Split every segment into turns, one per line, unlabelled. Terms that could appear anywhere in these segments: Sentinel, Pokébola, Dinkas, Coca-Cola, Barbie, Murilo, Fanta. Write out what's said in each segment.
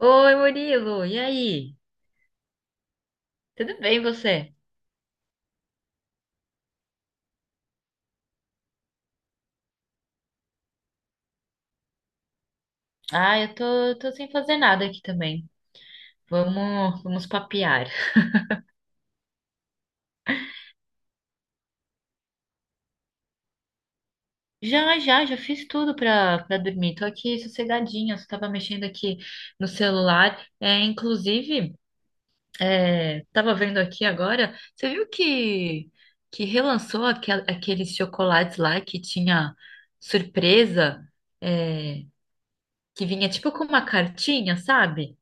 Oi, Murilo, e aí? Tudo bem você? Ah, eu tô sem fazer nada aqui também. Vamos papear. Já fiz tudo pra dormir. Tô aqui sossegadinha, só tava mexendo aqui no celular. Tava vendo aqui agora, você viu que relançou aqueles chocolates lá que tinha surpresa, é, que vinha tipo com uma cartinha, sabe?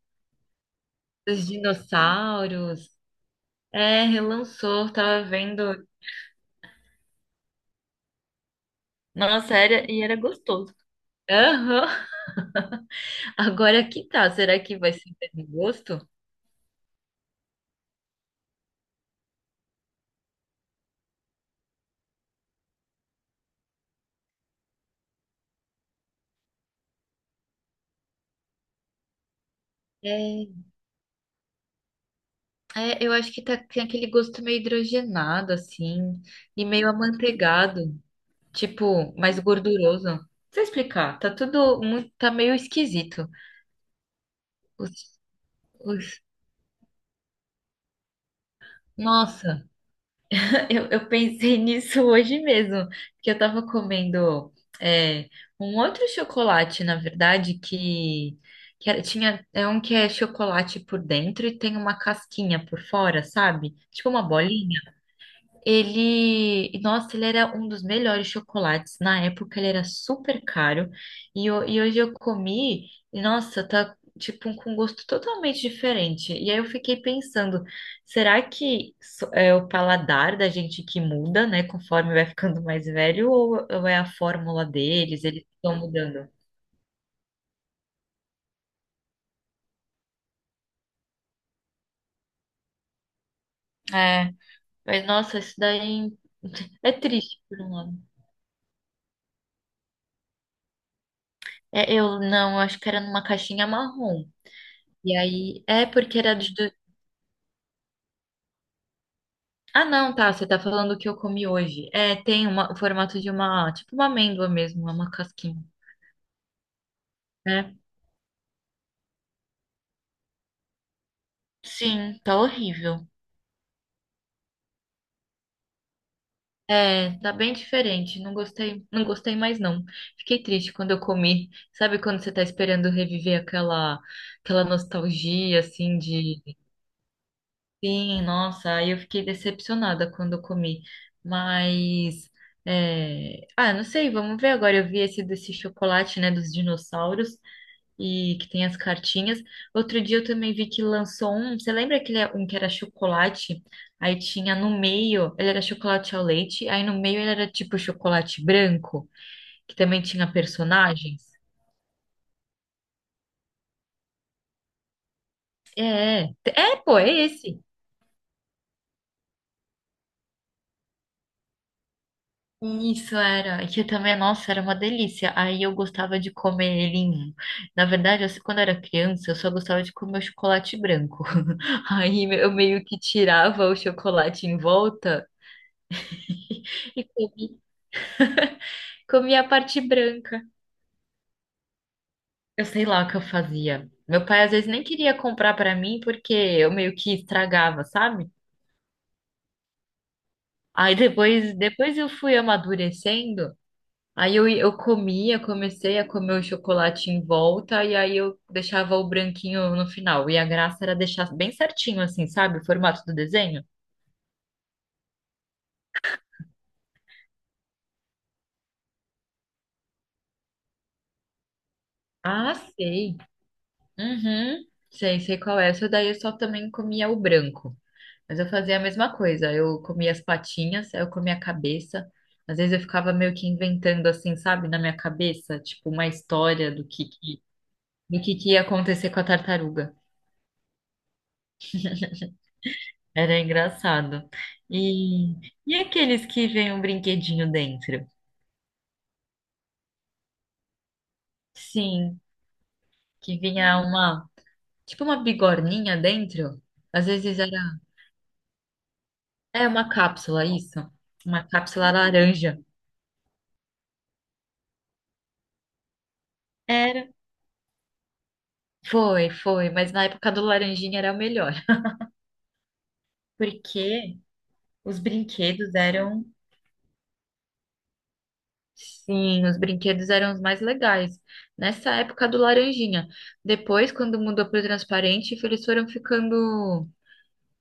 Dos dinossauros. É, relançou, tava vendo. Nossa, era, e era gostoso. Aham. Agora que tá, será que vai ser o mesmo gosto? É, eu acho que tá, tem aquele gosto meio hidrogenado, assim, e meio amanteigado, tipo, mais gorduroso. Não sei explicar, tá tudo muito, tá meio esquisito. Os, os, nossa. Eu pensei nisso hoje mesmo, que eu tava comendo é, um outro chocolate, na verdade, que tinha, é um que é chocolate por dentro e tem uma casquinha por fora, sabe? Tipo uma bolinha. Ele, nossa, ele era um dos melhores chocolates. Na época ele era super caro e e hoje eu comi e nossa, tá tipo um, com um gosto totalmente diferente. E aí eu fiquei pensando, é o paladar da gente que muda, né, conforme vai ficando mais velho, ou é a fórmula deles, eles estão mudando? É, mas nossa, isso daí é triste por um lado. É, eu não, eu acho que era numa caixinha marrom. E aí, é porque era de. Ah, não, tá. Você tá falando o que eu comi hoje. É, tem uma, o formato de uma, tipo uma amêndoa mesmo, é uma casquinha, né? Sim, tá horrível. É, tá bem diferente. Não gostei, não gostei mais não. Fiquei triste quando eu comi. Sabe quando você tá esperando reviver aquela, aquela nostalgia assim de, sim, nossa, aí eu fiquei decepcionada quando eu comi. Mas é... Ah, não sei, vamos ver agora. Eu vi esse desse chocolate, né, dos dinossauros, e que tem as cartinhas. Outro dia eu também vi que lançou um. Você lembra aquele um que era chocolate? Aí tinha no meio, ele era chocolate ao leite, aí no meio ele era tipo chocolate branco, que também tinha personagens. É, pô, é esse. Isso era, e que também, nossa, era uma delícia. Aí eu gostava de comer ele. Na verdade, assim, quando eu era criança, eu só gostava de comer o chocolate branco. Aí eu meio que tirava o chocolate em volta e comia. Comia a parte branca. Eu sei lá o que eu fazia. Meu pai às vezes nem queria comprar pra mim porque eu meio que estragava, sabe? Aí depois eu fui amadurecendo. Eu comia, comecei a comer o chocolate em volta e aí eu deixava o branquinho no final. E a graça era deixar bem certinho assim, sabe? O formato do desenho. Ah, sei. Uhum. Sei, sei qual é. Essa daí eu só também comia o branco. Mas eu fazia a mesma coisa. Eu comia as patinhas, aí eu comia a cabeça. Às vezes eu ficava meio que inventando assim, sabe, na minha cabeça, tipo uma história do que ia acontecer com a tartaruga. Era engraçado. E e aqueles que vêm um brinquedinho dentro? Sim, que vinha uma, tipo uma bigorninha dentro. Às vezes era, é uma cápsula, isso. Uma cápsula laranja. Era. Foi, foi, mas na época do laranjinha era o melhor. Porque os brinquedos eram, sim, os brinquedos eram os mais legais. Nessa época do laranjinha. Depois, quando mudou pro transparente, eles foram ficando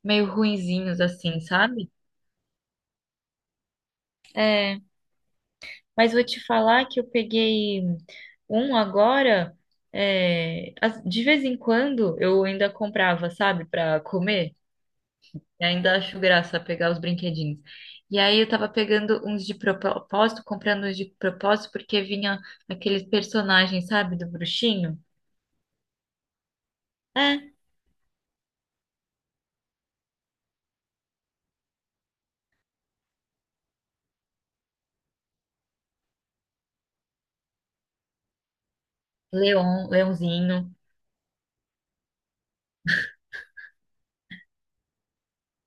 meio ruinzinhos assim, sabe? É, mas vou te falar que eu peguei um agora, de vez em quando eu ainda comprava, sabe, para comer. E ainda acho graça pegar os brinquedinhos. E aí eu tava pegando uns de propósito, comprando uns de propósito, porque vinha aqueles personagens, sabe, do bruxinho? É. Leão, leãozinho,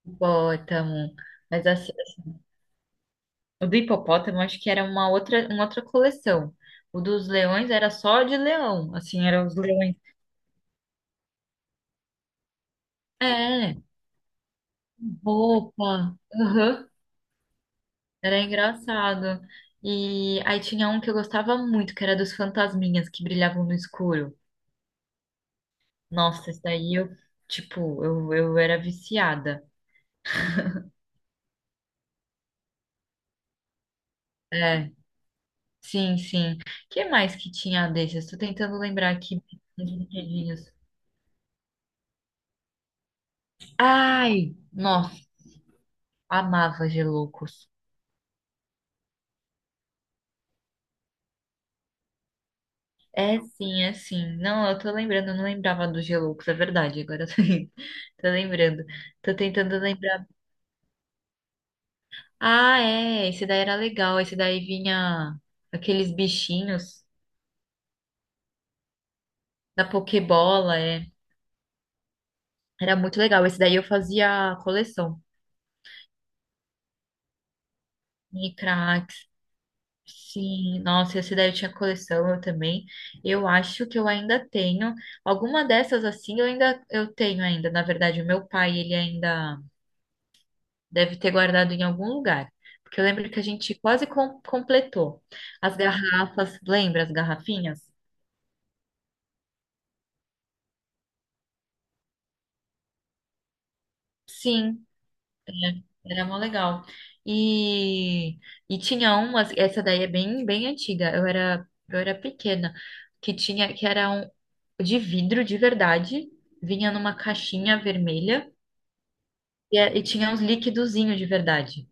hipopótamo. Mas assim, assim, o do hipopótamo acho que era uma outra coleção. O dos leões era só de leão, assim, eram os leões. É, roupa. Aham. Era engraçado. E aí tinha um que eu gostava muito, que era dos fantasminhas que brilhavam no escuro. Nossa, isso daí eu era viciada. É, sim. Que mais que tinha desses? Estou tentando lembrar aqui dos brinquedinhos. Ai, nossa, amava Geloucos. É sim. Não, eu tô lembrando, eu não lembrava dos Geloucos, é verdade. Agora eu tô, tô lembrando. Tô tentando lembrar. Ah, é, esse daí era legal. Esse daí vinha aqueles bichinhos da Pokébola, é. Era muito legal. Esse daí eu fazia coleção. Micra, sim, nossa, esse daí eu tinha coleção, eu também. Eu acho que eu ainda tenho. Alguma dessas assim eu ainda eu tenho ainda. Na verdade, o meu pai, ele ainda deve ter guardado em algum lugar. Porque eu lembro que a gente completou. As garrafas, lembra as garrafinhas? Sim, é, era mó legal. E, e tinha umas, essa daí é bem antiga. Eu era pequena, que era um de vidro de verdade, vinha numa caixinha vermelha e tinha uns liquidozinhos de verdade.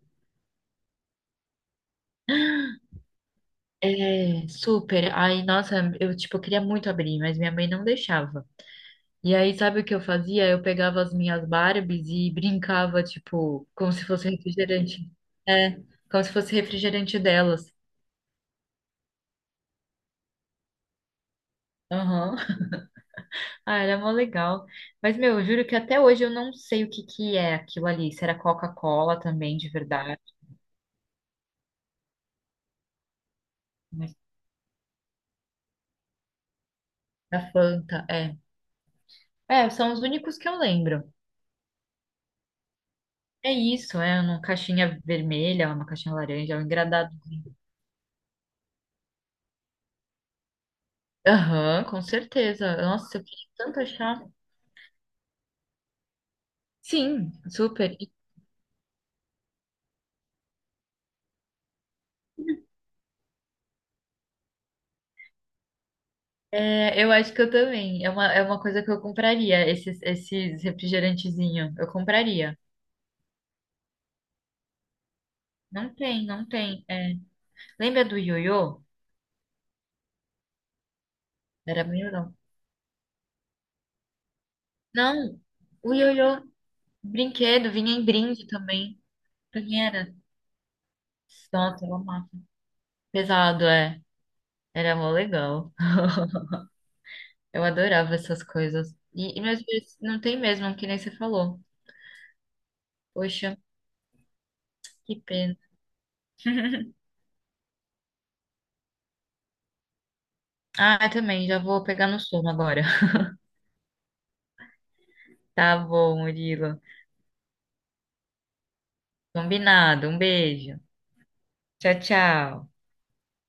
É, super. Aí, nossa, eu tipo queria muito abrir, mas minha mãe não deixava. E aí, sabe o que eu fazia? Eu pegava as minhas Barbies e brincava, tipo, como se fosse refrigerante. É, como se fosse refrigerante delas. Aham. Ah, era mó legal. Mas, meu, eu juro que até hoje eu não sei o que que é aquilo ali. Se era Coca-Cola também, de verdade. Mas da Fanta, é. É, são os únicos que eu lembro. É isso, é uma caixinha vermelha, uma caixinha laranja, um engradado. Aham, com certeza. Nossa, eu queria tanto achar. Sim, super. É, eu acho que eu também. É uma coisa que eu compraria, esses refrigerantezinhos. Eu compraria. Não tem, não tem. É. Lembra do ioiô? Era meio. Não, o ioiô brinquedo vinha em brinde também. Pra quem era? Nossa, eu amava. Pesado, é. Era mó legal. Eu adorava essas coisas. E meus dias não tem mesmo, que nem você falou. Poxa, que pena. Ah, eu também, já vou pegar no sono agora. Tá bom, Murilo. Combinado. Um beijo. Tchau, tchau.